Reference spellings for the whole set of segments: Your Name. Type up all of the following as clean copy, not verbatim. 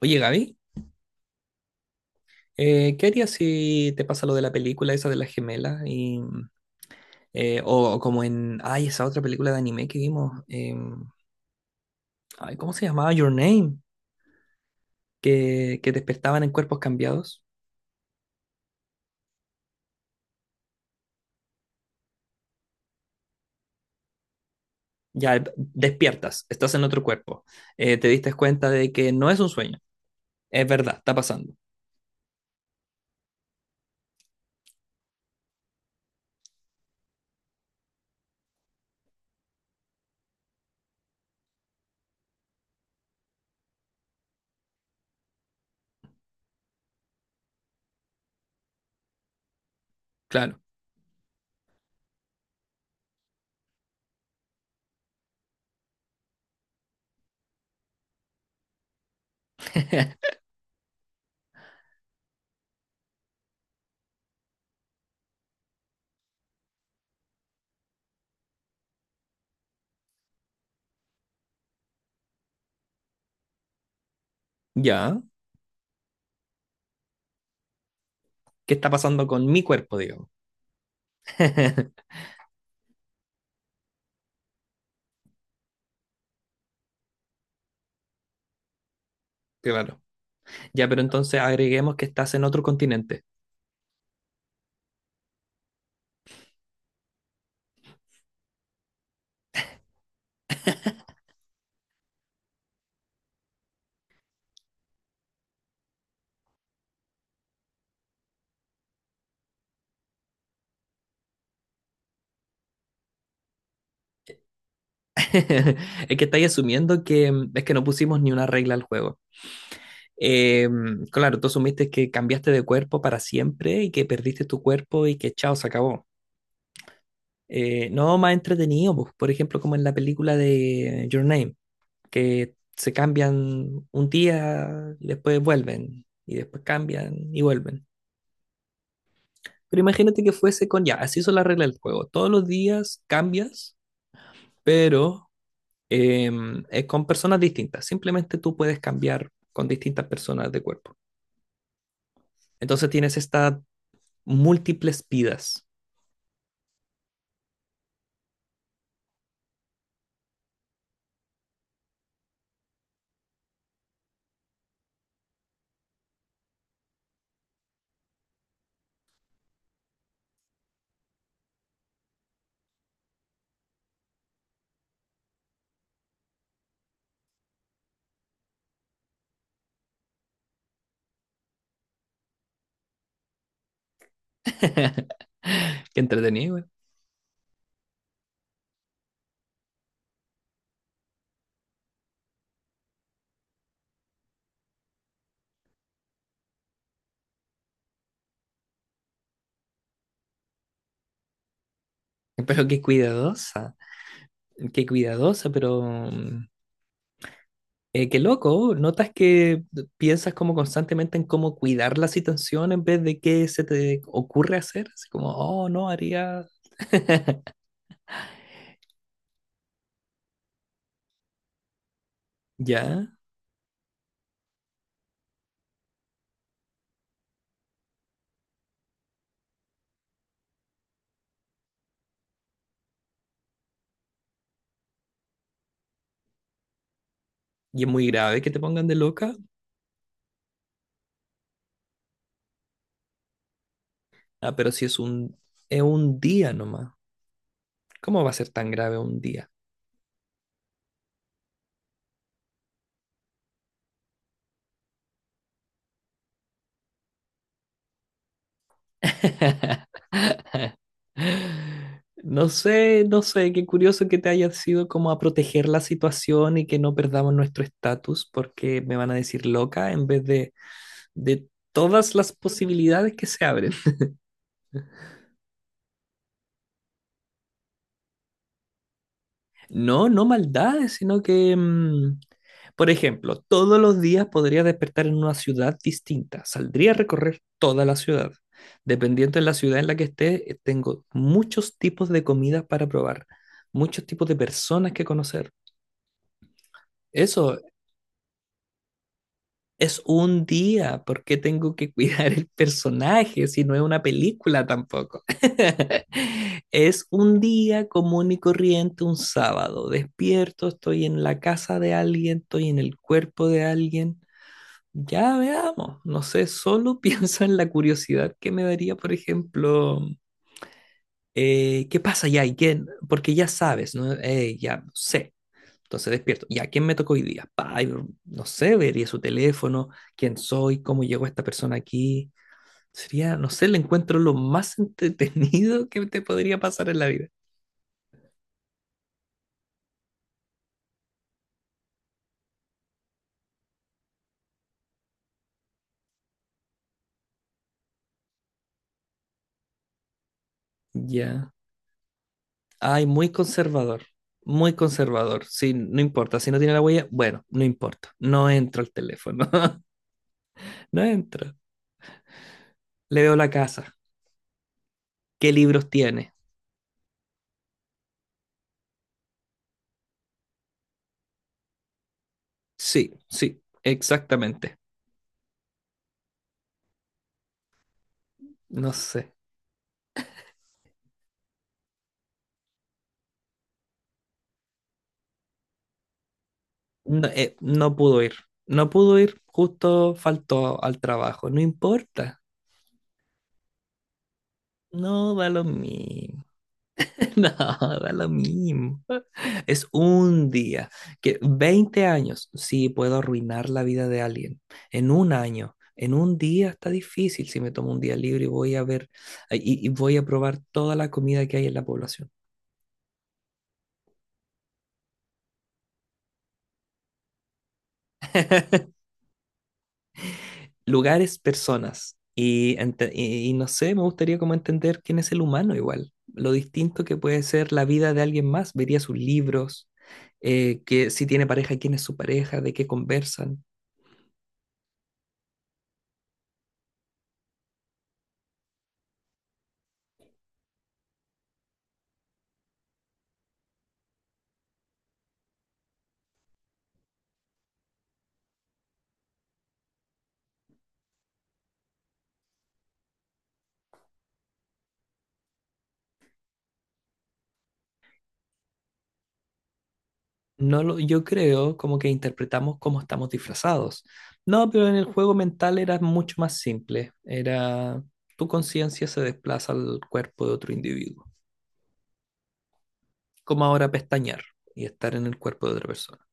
Oye, Gaby, ¿qué harías si te pasa lo de la película esa de las gemelas? Y, o como en, ay, esa otra película de anime que vimos, ay, ¿cómo se llamaba? Your Name, que despertaban en cuerpos cambiados. Ya, despiertas, estás en otro cuerpo. Te diste cuenta de que no es un sueño, es verdad, está pasando. Claro. Ya, ¿qué está pasando con mi cuerpo, digamos? Claro. Ya, pero entonces agreguemos que estás en otro continente. Es que estáis asumiendo que es que no pusimos ni una regla al juego. Eh, claro, tú asumiste que cambiaste de cuerpo para siempre y que perdiste tu cuerpo y que chao, se acabó. No, más entretenido, pues, por ejemplo, como en la película de Your Name, que se cambian un día y después vuelven, y después cambian y vuelven. Pero imagínate que fuese con ya, así son las reglas del juego. Todos los días cambias, pero con personas distintas. Simplemente tú puedes cambiar con distintas personas de cuerpo. Entonces tienes estas múltiples vidas. Qué entretenido, güey. Pero qué cuidadosa, pero qué loco. Notas que piensas como constantemente en cómo cuidar la situación en vez de qué se te ocurre hacer. Así como, oh, no, haría ya. Y es muy grave que te pongan de loca. Ah, pero si es un día nomás. ¿Cómo va a ser tan grave un día? No sé, no sé, qué curioso que te haya sido como a proteger la situación y que no perdamos nuestro estatus porque me van a decir loca en vez de todas las posibilidades que se abren. No, no maldades, sino que, por ejemplo, todos los días podría despertar en una ciudad distinta. Saldría a recorrer toda la ciudad. Dependiendo de la ciudad en la que esté, tengo muchos tipos de comidas para probar, muchos tipos de personas que conocer. Eso. Es un día, ¿por qué tengo que cuidar el personaje si no es una película tampoco? Es un día común y corriente, un sábado. Despierto, estoy en la casa de alguien, estoy en el cuerpo de alguien. Ya veamos, no sé, solo pienso en la curiosidad que me daría, por ejemplo, ¿qué pasa ya? ¿Y quién? Porque ya sabes, ¿no? Ya no sé. Entonces despierto. ¿Y a quién me tocó hoy día? Pa, no sé, vería su teléfono, quién soy, cómo llegó esta persona aquí. Sería, no sé, el encuentro lo más entretenido que te podría pasar en la vida. Ya. Ay, muy conservador. Muy conservador. Sí, no importa. Si no tiene la huella, bueno, no importa. No entro al teléfono. No entro. Le veo la casa. ¿Qué libros tiene? Sí, sí, exactamente. No sé. No, no pudo ir. No pudo ir, justo faltó al trabajo. No importa. No da lo mismo. No, da lo mismo. Es un día. Que 20 años, sí, puedo arruinar la vida de alguien. En un año, en un día está difícil si me tomo un día libre y voy a ver y voy a probar toda la comida que hay en la población. Lugares, personas. Y no sé, me gustaría como entender quién es el humano igual, lo distinto que puede ser la vida de alguien más. Vería sus libros, que si tiene pareja, quién es su pareja, de qué conversan. No lo, yo creo como que interpretamos cómo estamos disfrazados. No, pero en el juego mental era mucho más simple. Era tu conciencia se desplaza al cuerpo de otro individuo. Como ahora pestañear y estar en el cuerpo de otra persona.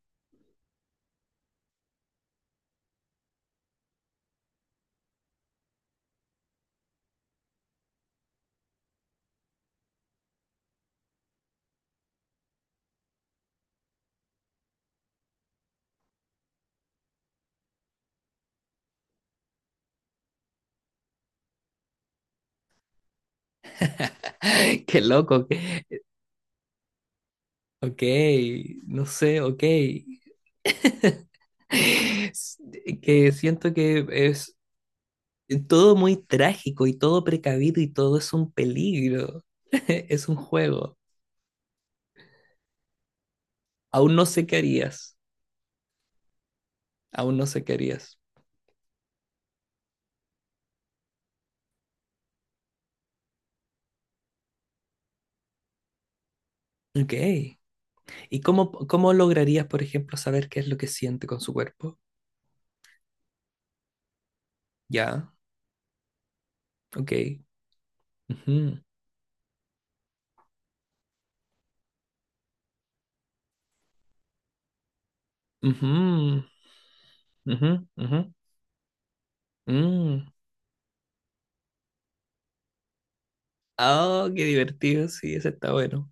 Qué loco. Ok, no sé, ok. S- Que siento que es todo muy trágico y todo precavido y todo es un peligro. Es un juego. Aún no sé qué harías. Aún no sé qué harías. Ok. ¿Y cómo lograrías, por ejemplo, saber qué es lo que siente con su cuerpo? Ya, ok. Ujú, ujú, ujú, ujú, mm. Ah, qué divertido, sí, ese está bueno.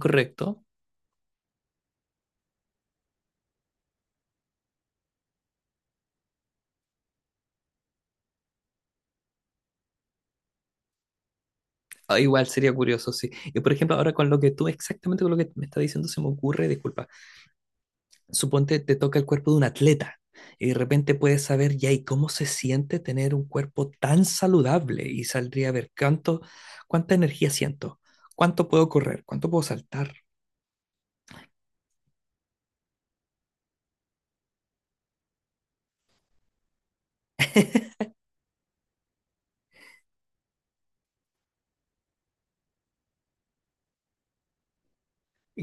Correcto. Ah, igual sería curioso, sí. Y por ejemplo, ahora con lo que tú, exactamente con lo que me está diciendo, se me ocurre, disculpa, suponte te toca el cuerpo de un atleta y de repente puedes saber ya y cómo se siente tener un cuerpo tan saludable y saldría a ver cuánto, cuánta energía siento, cuánto puedo correr, cuánto puedo saltar.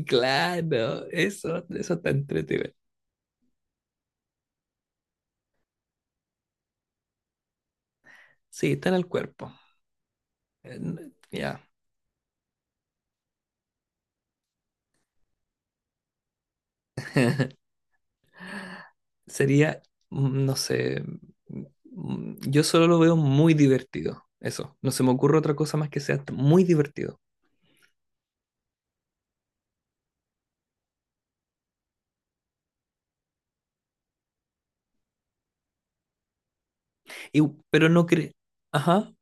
Claro, eso está entretenido. Sí, está en el cuerpo. Ya. Sería, no sé, yo solo lo veo muy divertido. Eso, no se me ocurre otra cosa más que sea muy divertido. Y, pero no creo. Ajá,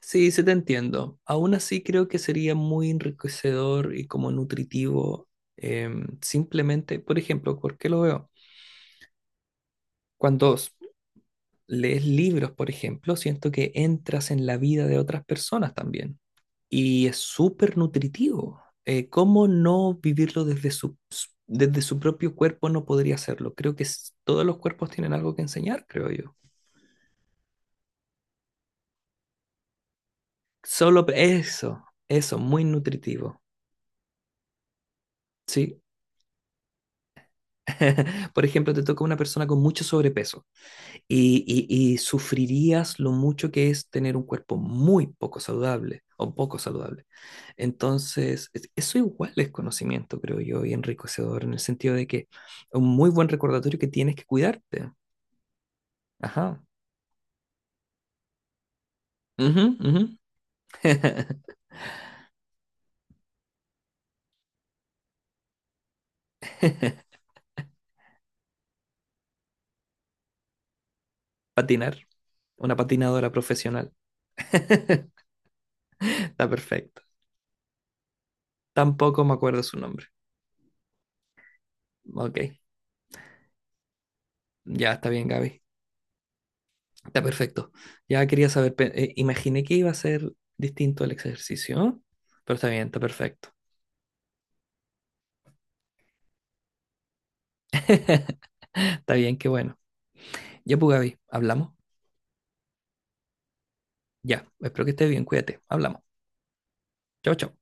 sí, sí te entiendo. Aún así creo que sería muy enriquecedor y como nutritivo. Simplemente, por ejemplo, ¿por qué lo veo? Cuando lees libros, por ejemplo, siento que entras en la vida de otras personas también. Y es súper nutritivo. ¿Cómo no vivirlo desde su propio cuerpo no podría hacerlo? Creo que todos los cuerpos tienen algo que enseñar, creo yo. Solo eso, eso, muy nutritivo. Sí. Por ejemplo, te toca una persona con mucho sobrepeso y sufrirías lo mucho que es tener un cuerpo muy poco saludable o poco saludable. Entonces, eso igual es conocimiento, creo yo, y enriquecedor en el sentido de que un muy buen recordatorio que tienes que cuidarte. Ajá. Ujú, ujú. Patinar. Una patinadora profesional. Está perfecto. Tampoco me acuerdo su nombre. Ok. Ya está bien, Gaby. Está perfecto. Ya quería saber, imaginé que iba a ser distinto el ejercicio, pero está bien, está perfecto. Está bien, qué bueno. Ya, pues, Gaby, hablamos. Ya, espero que estés bien, cuídate, hablamos. Chau, chau.